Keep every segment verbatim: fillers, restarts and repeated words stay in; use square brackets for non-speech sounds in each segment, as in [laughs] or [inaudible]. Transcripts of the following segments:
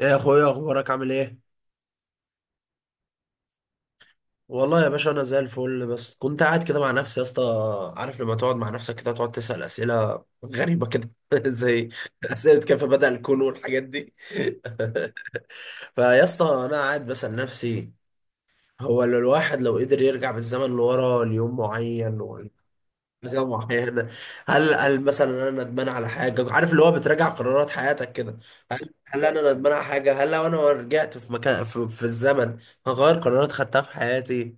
ايه يا اخويا، اخبارك؟ عامل ايه؟ والله يا باشا، انا زي الفل، بس كنت قاعد كده مع نفسي يا اسطى. عارف لما تقعد مع نفسك كده تقعد تسأل اسئله غريبه كده [laughs] زي اسئله كيف بدأ الكون والحاجات دي. فيا اسطى انا قاعد بسأل نفسي، هو لو الواحد لو قدر يرجع بالزمن لورا ليوم معين ولا حاجه معينه. هل هل مثلا انا ندمان على حاجه؟ عارف اللي هو بتراجع قرارات حياتك كده. هل هل انا ندمان على حاجه؟ هل لو انا رجعت في مكان في, في الزمن هغير قرارات خدتها في حياتي؟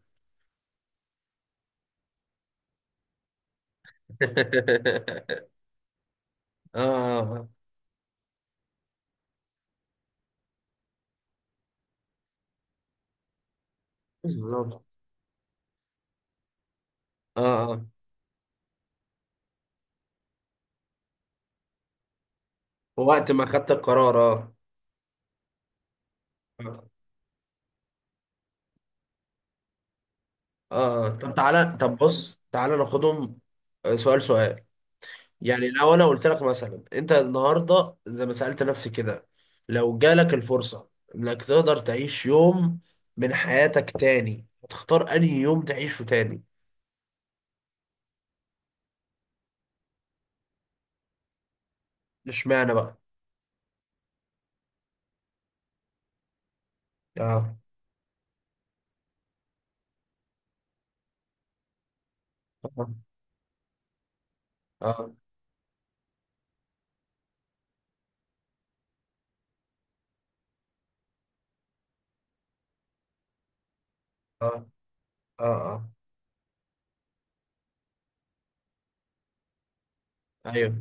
[laughs] اه. آه، بالظبط. اه، اه، وقت ما خدت القرار. اه، اه، آه. طب تعالى، طب بص تعالى ناخدهم. آه، سؤال سؤال يعني لو انا قلت لك مثلا، انت النهارده زي ما سألت نفسي كده، لو جالك الفرصة انك تقدر تعيش يوم من حياتك تاني، هتختار انهي يوم تعيشه تاني؟ اشمعنى بقى؟ اه، اه، اه، اه، اه، آه. ايوه،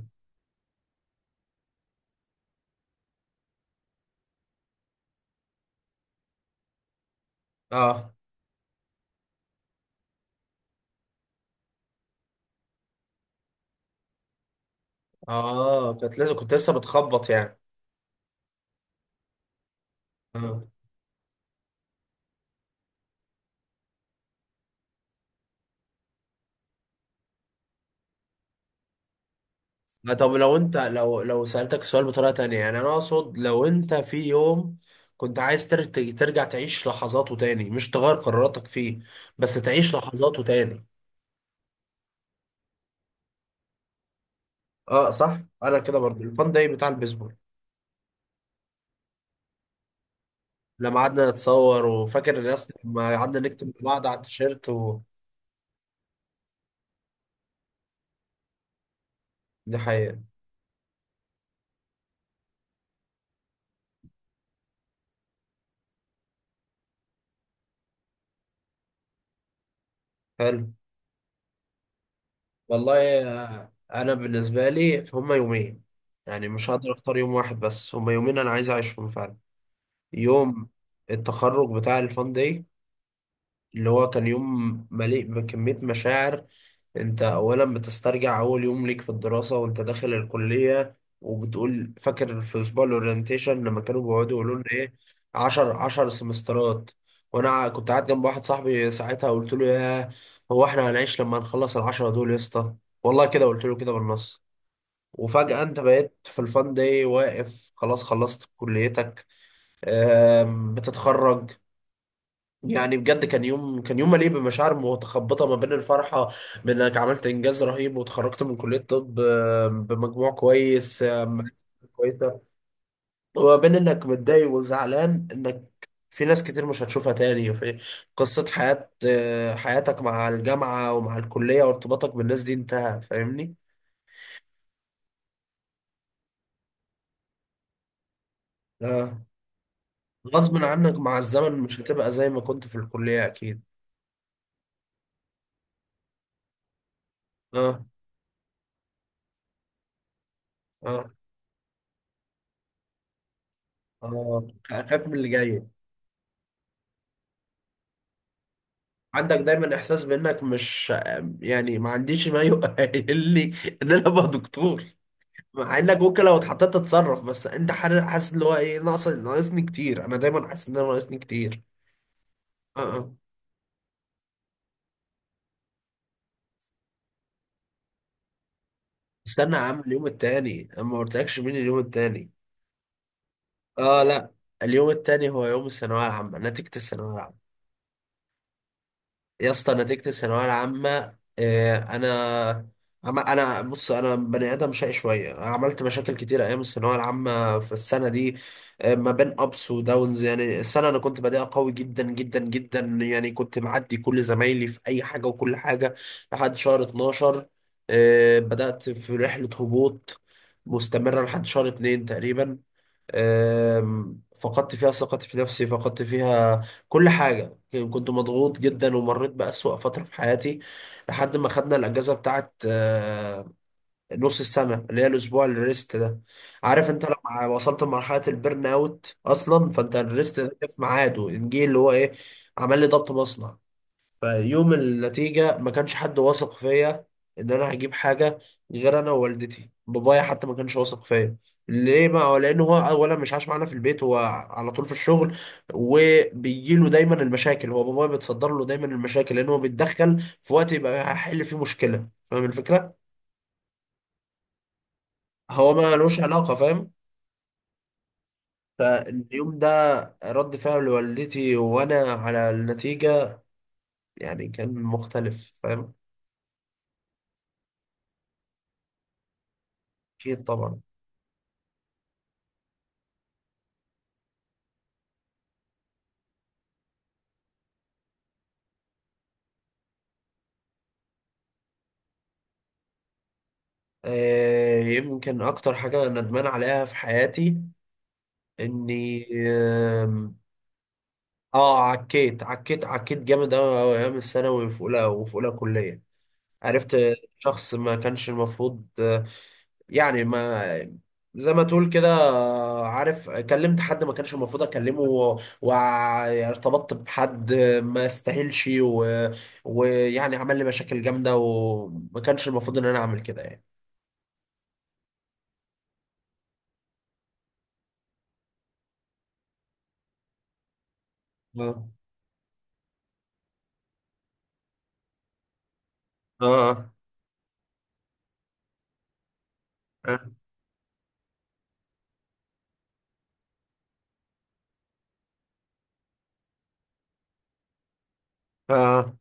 اه، اه، كنت لازم، كنت لسه بتخبط يعني. آه. لا، طب لو انت، لو لو سألتك السؤال بطريقة تانية، يعني انا اقصد لو انت في يوم كنت عايز تر- ترجع تعيش لحظاته تاني، مش تغير قراراتك فيه، بس تعيش لحظاته تاني. اه صح، انا كده برضو، الفان داي بتاع البيسبول. لما قعدنا نتصور، وفاكر الناس لما قعدنا نكتب بعض على التيشيرت و... دي حقيقة. حلو. والله آه، انا بالنسبة لي هما يومين، يعني مش هقدر اختار يوم واحد، بس هما يومين انا عايز اعيشهم فعلا. يوم التخرج بتاع الفان داي، اللي هو كان يوم مليء بكمية مشاعر. انت اولا بتسترجع اول يوم ليك في الدراسة وانت داخل الكلية، وبتقول فاكر في اسبوع الاورينتيشن لما كانوا بيقعدوا يقولوا لنا ايه؟ عشر عشر سمسترات. وانا كنت قاعد جنب واحد صاحبي ساعتها قلت له: يا هو احنا هنعيش لما نخلص العشرة دول يا اسطى؟ والله كده قلت له كده بالنص. وفجأة انت بقيت في الفان داي واقف، خلاص خلصت كليتك، آم، بتتخرج. يعني بجد كان يوم كان يوم مليء بمشاعر متخبطه، ما بين الفرحه بانك عملت انجاز رهيب وتخرجت من كليه طب آه، بمجموع كويس، آه، معرفة كويسه، وما بين انك متضايق وزعلان انك في ناس كتير مش هتشوفها تاني، في قصه حياه آه، حياتك مع الجامعه ومع الكليه، وارتباطك بالناس دي انتهى. فاهمني؟ اه. غصب عنك مع الزمن مش هتبقى زي ما كنت في الكليه اكيد. اه، اه، اه، اخاف من اللي جاي. عندك دايما احساس بانك مش، يعني ما عنديش ما يؤهل لي ان انا ابقى دكتور. مع انك ممكن لو اتحطيت تتصرف، بس انت حر- حاسس اللي هو ايه، ناقص، ناقصني كتير. انا دايما حاسس ان انا ناقصني كتير. اه، اه. استنى يا عم، اليوم التاني انا ما قلتلكش مين اليوم التاني. اه، لا. اليوم التاني هو يوم الثانويه العامه، نتيجه الثانويه العامه. يا اسطى، نتيجة الثانوية العامة. آه، انا، عم- انا بص، انا بني ادم شقي شوية، عملت مشاكل كتير ايام الثانوية العامة في السنة دي. آه، ما بين ابس وداونز. يعني السنة انا كنت بادئها قوي جدا جدا جدا، يعني كنت معدي كل زمايلي في اي حاجة وكل حاجة لحد شهر اتناشر. آه، بدأت في رحلة هبوط مستمرة لحد شهر اثنين تقريبا. آم، فقدت فيها ثقتي في نفسي، فقدت فيها كل حاجة. كنت مضغوط جدا، ومريت بأسوأ فترة في حياتي لحد ما خدنا الأجازة بتاعت آه، نص السنة اللي هي الأسبوع الريست ده. عارف، مم، أنت لما وصلت لمرحلة البرن أوت أصلا فأنت الريست ده في ميعاده جه. اللي هو إيه، عمل لي ضبط مصنع. فيوم النتيجة ما كانش حد واثق فيا إن أنا هجيب حاجة، غير أنا ووالدتي. بابايا حتى ما كانش واثق فيا. ليه؟ ما لأن هو أولا مش عايش معانا في البيت، هو على طول في الشغل، وبيجيله دايما المشاكل. هو بابايا بيتصدر له دايما المشاكل لأن هو بيتدخل في وقت يبقى هيحل فيه مشكلة. فاهم الفكرة؟ هو ما لوش علاقة، فاهم؟ فاليوم ده، رد فعل والدتي وأنا على النتيجة يعني كان مختلف، فاهم؟ أكيد طبعا. آه، يمكن اكتر حاجه ندمان عليها في حياتي اني، آم، اه، عكيت عكيت عكيت جامد قوي قوي ايام الثانوي وفي اولى، وفي اولى كليه. عرفت شخص ما كانش المفروض، آه، يعني ما زي ما تقول كده، آه، عارف، كلمت حد ما كانش المفروض اكلمه، و- وارتبطت بحد ما يستاهلش، و- ويعني عمل لي مشاكل جامده، وما كانش المفروض ان انا اعمل كده يعني. اه، اه، آه. آه.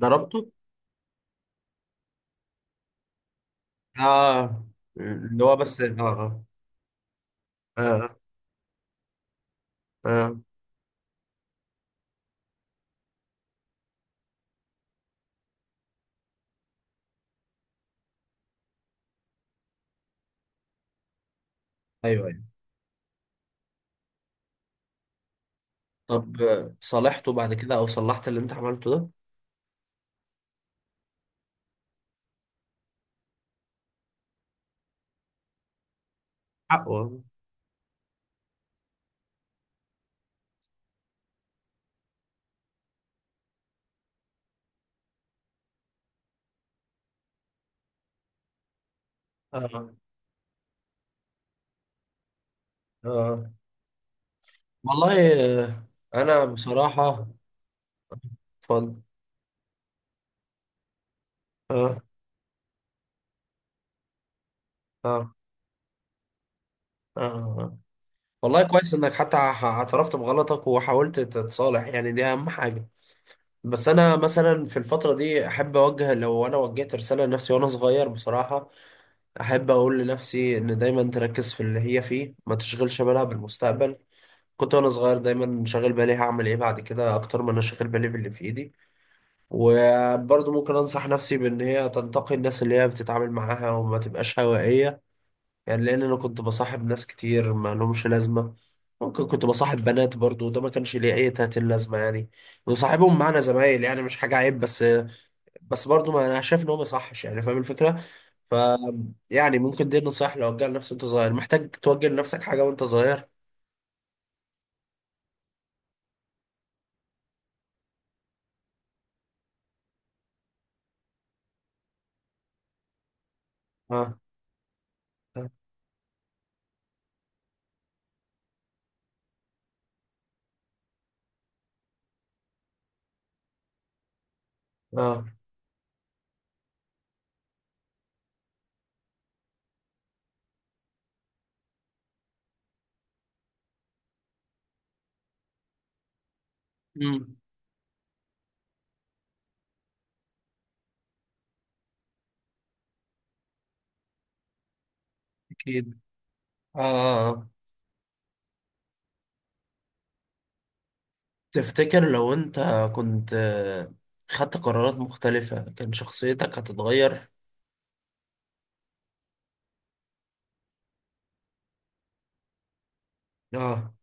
ضربته. اه، اللي هو بس. اه، اه، اه، اه. ايوه، ايوه. طب آه، صالحته بعد كده او صلحت اللي انت عملته ده؟ حقه. اه، اه. والله آه، انا بصراحة، اتفضل. اه، اه، اه. والله كويس انك حتى ح- اعترفت بغلطك وحاولت تتصالح، يعني دي اهم حاجة. بس انا مثلا في الفترة دي احب اوجه، لو انا وجهت رسالة لنفسي وانا صغير بصراحة، احب اقول لنفسي ان دايما تركز في اللي هي فيه، ما تشغلش بالها بالمستقبل. كنت وانا صغير دايما شاغل بالي هعمل ايه بعد كده، اكتر ما انا شاغل بالي باللي في ايدي. وبرضه ممكن انصح نفسي بان هي تنتقي الناس اللي هي بتتعامل معاها، وما تبقاش هوائية يعني. لان انا كنت بصاحب ناس كتير ما لهمش لازمة. ممكن كنت بصاحب بنات برضه، وده ما كانش ليه اي تاتين لازمة يعني. وصاحبهم معنا زمايل، يعني مش حاجة عيب، بس بس برضو ما انا شايف ان هو ما يصحش يعني. فاهم الفكره؟ ف، يعني ممكن دي نصايح لو وجهها لنفسك وانت صغير، محتاج توجه لنفسك حاجه وانت صغير. اه، اه، اه، امم، اكيد، اه، آه. تفتكر لو انت كنت، آه، خدت قرارات مختلفه كان شخصيتك هتتغير؟ اه،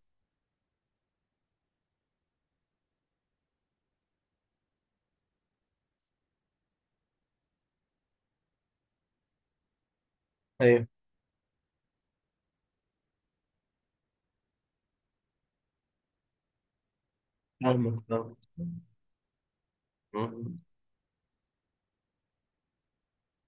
ايوه، فاهمك. آه.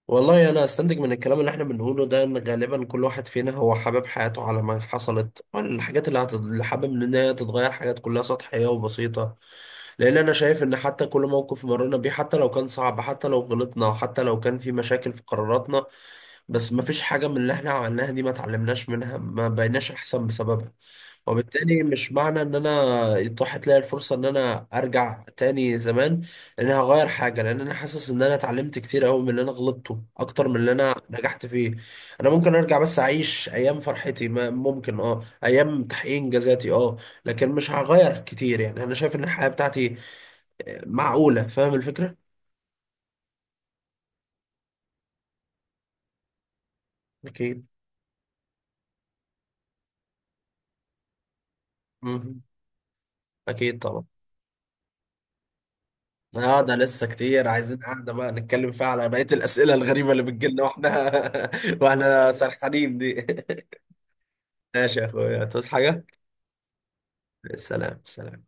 والله انا استنتج من الكلام اللي احنا بنقوله ده ان غالبا كل واحد فينا هو حابب حياته على ما حصلت. الحاجات اللي هتت- اللي حابب ان هي تتغير حاجات كلها سطحية وبسيطة. لان انا شايف ان حتى كل موقف مرينا بيه، حتى لو كان صعب، حتى لو غلطنا، حتى لو كان في مشاكل في قراراتنا، بس ما فيش حاجة من اللي احنا عملناها دي ما اتعلمناش منها، ما بقيناش احسن بسببها. وبالتالي مش معنى ان انا اتاحت لي الفرصة ان انا ارجع تاني زمان ان انا هغير حاجه. لان انا حاسس ان انا اتعلمت كتير قوي من اللي انا غلطته، اكتر من اللي انا نجحت فيه. انا ممكن ارجع بس اعيش ايام فرحتي، ما ممكن، اه، ايام تحقيق انجازاتي، اه. لكن مش هغير كتير، يعني انا شايف ان الحياه بتاعتي معقوله. فاهم الفكره؟ اكيد. مهم. اكيد طبعا. اه، ده لسه كتير، عايزين قاعده بقى نتكلم فيها على بقيه الاسئله الغريبه اللي بتجيلنا واحنا [laughs] واحنا سرحانين دي. [laughs] ماشي يا اخويا، تصحى حاجه. السلام، سلام.